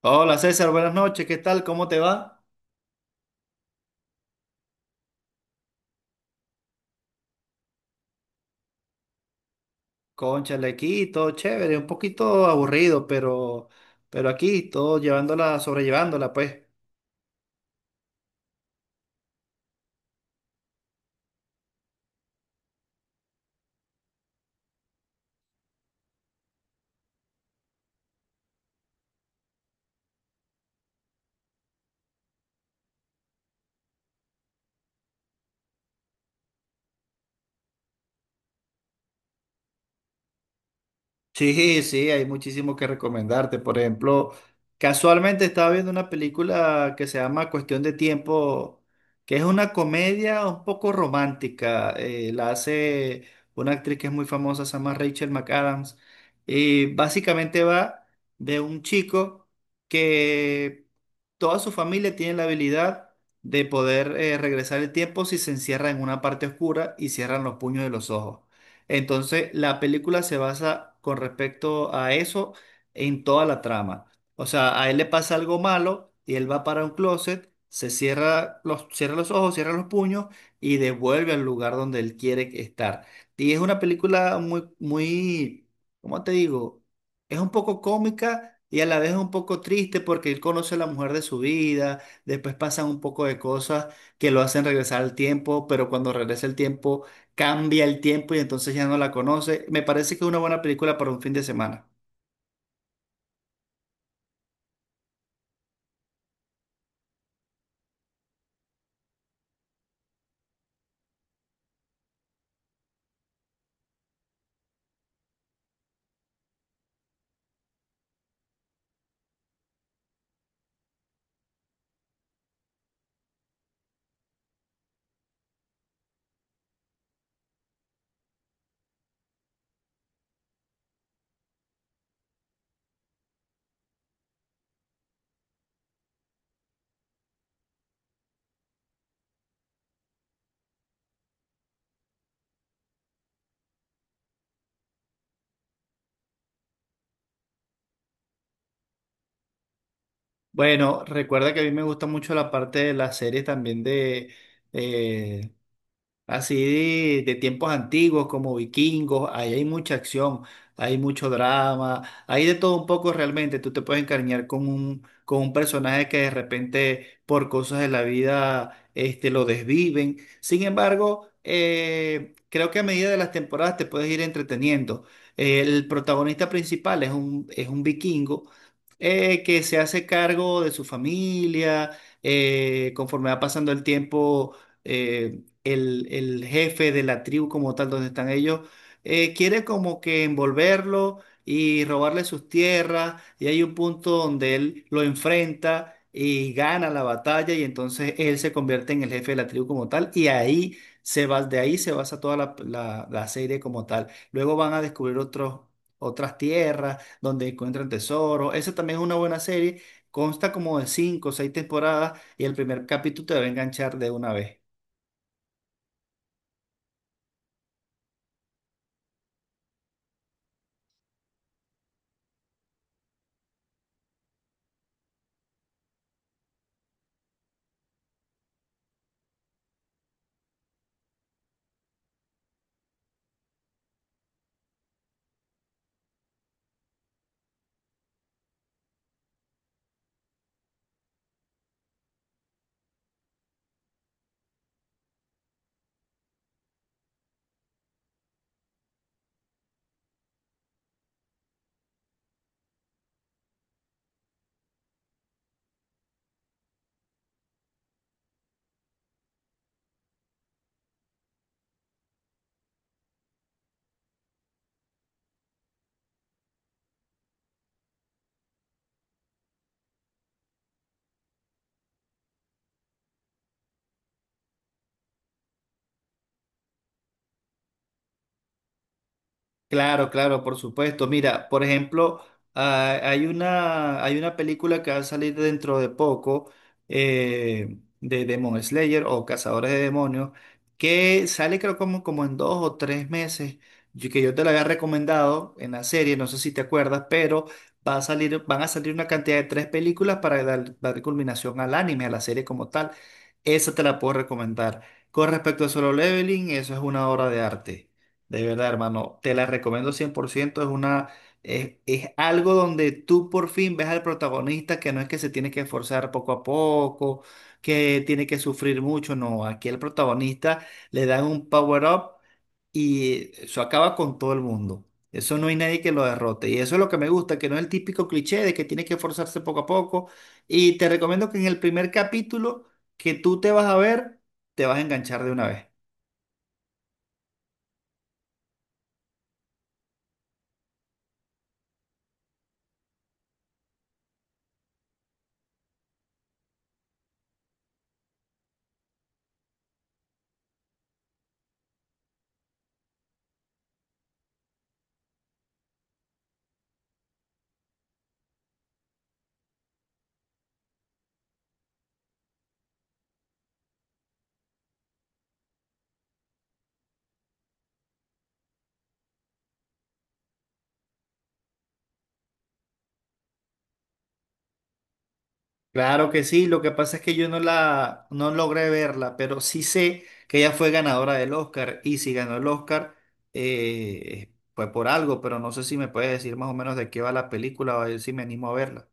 Hola César, buenas noches, ¿qué tal? ¿Cómo te va? Cónchale, aquí todo chévere, un poquito aburrido, pero aquí todo llevándola, sobrellevándola, pues. Sí, sí, hay muchísimo que recomendarte. Por ejemplo, casualmente estaba viendo una película que se llama Cuestión de Tiempo, que es una comedia un poco romántica. La hace una actriz que es muy famosa, se llama Rachel McAdams. Y básicamente va de un chico que toda su familia tiene la habilidad de poder regresar el tiempo si se encierra en una parte oscura y cierran los puños de los ojos. Entonces, la película se basa con respecto a eso en toda la trama. O sea, a él le pasa algo malo y él va para un closet, cierra los ojos, cierra los puños y devuelve al lugar donde él quiere estar. Y es una película muy, muy, ¿cómo te digo? Es un poco cómica. Y a la vez es un poco triste porque él conoce a la mujer de su vida, después pasan un poco de cosas que lo hacen regresar al tiempo, pero cuando regresa el tiempo cambia el tiempo y entonces ya no la conoce. Me parece que es una buena película para un fin de semana. Bueno, recuerda que a mí me gusta mucho la parte de las series también eh, así de tiempos antiguos como vikingos, ahí hay mucha acción, hay mucho drama, hay de todo un poco realmente. Tú te puedes encariñar con con un personaje que de repente por cosas de la vida este, lo desviven. Sin embargo, creo que a medida de las temporadas te puedes ir entreteniendo. El protagonista principal es un vikingo que se hace cargo de su familia, conforme va pasando el tiempo eh, el jefe de la tribu como tal, donde están ellos, quiere como que envolverlo y robarle sus tierras, y hay un punto donde él lo enfrenta y gana la batalla, y entonces él se convierte en el jefe de la tribu como tal, y ahí se va, de ahí se basa toda la serie como tal. Luego van a descubrir otras tierras donde encuentran tesoros. Esa también es una buena serie. Consta como de cinco o seis temporadas y el primer capítulo te va a enganchar de una vez. Claro, claro, por supuesto. Mira, por ejemplo, ah, hay una película que va a salir dentro de poco de Demon Slayer o Cazadores de Demonios, que sale creo como en 2 o 3 meses, que yo te la había recomendado en la serie, no sé si te acuerdas, pero van a salir una cantidad de tres películas para dar culminación al anime, a la serie como tal. Esa te la puedo recomendar. Con respecto a Solo Leveling, eso es una obra de arte. De verdad, hermano, te la recomiendo 100%. Es algo donde tú por fin ves al protagonista que no es que se tiene que esforzar poco a poco, que tiene que sufrir mucho. No, aquí el protagonista le dan un power up y eso acaba con todo el mundo. Eso no hay nadie que lo derrote. Y eso es lo que me gusta, que no es el típico cliché de que tiene que esforzarse poco a poco. Y te recomiendo que en el primer capítulo que tú te vas a ver, te vas a enganchar de una vez. Claro que sí, lo que pasa es que yo no la no logré verla, pero sí sé que ella fue ganadora del Oscar y si ganó el Oscar fue por algo, pero no sé si me puedes decir más o menos de qué va la película o a ver si me animo a verla.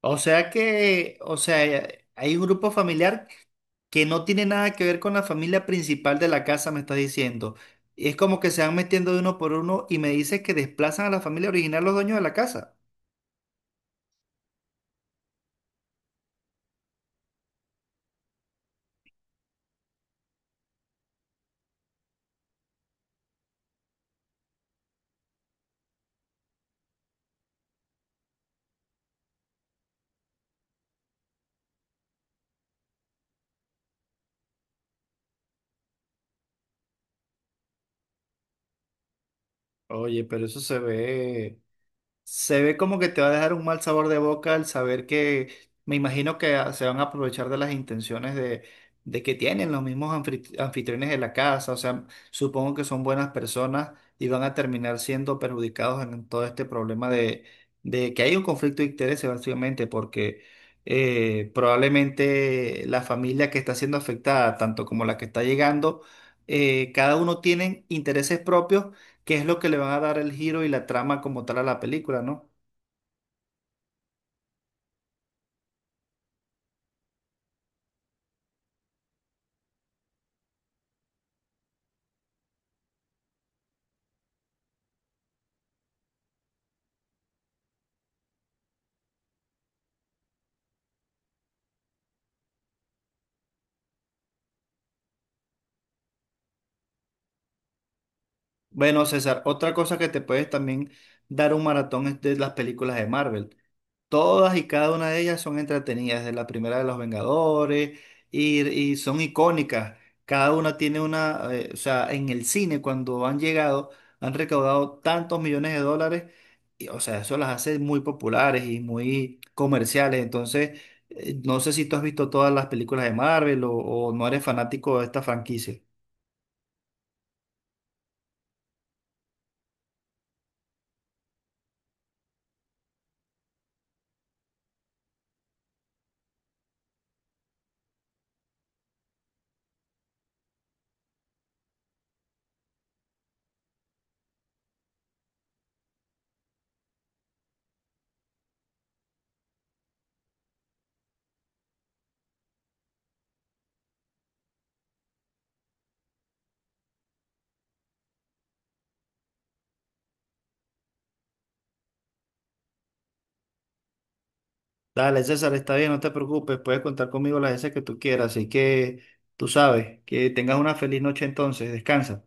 O sea que, o sea, hay un grupo familiar que no tiene nada que ver con la familia principal de la casa, me estás diciendo. Y es como que se van metiendo de uno por uno y me dices que desplazan a la familia original los dueños de la casa. Oye, pero eso se ve. Se ve como que te va a dejar un mal sabor de boca al saber que me imagino que se van a aprovechar de las intenciones de que tienen los mismos anfitriones de la casa. O sea, supongo que son buenas personas y van a terminar siendo perjudicados en todo este problema de que hay un conflicto de intereses básicamente porque probablemente la familia que está siendo afectada, tanto como la que está llegando, cada uno tiene intereses propios que es lo que le van a dar el giro y la trama como tal a la película, ¿no? Bueno, César, otra cosa que te puedes también dar un maratón es de las películas de Marvel. Todas y cada una de ellas son entretenidas, desde la primera de los Vengadores, y son icónicas. Cada una tiene o sea, en el cine cuando han llegado, han recaudado tantos millones de dólares, y, o sea, eso las hace muy populares y muy comerciales. Entonces, no sé si tú has visto todas las películas de Marvel o no eres fanático de esta franquicia. Dale, César, está bien, no te preocupes, puedes contar conmigo las veces que tú quieras, así que tú sabes, que tengas una feliz noche entonces, descansa.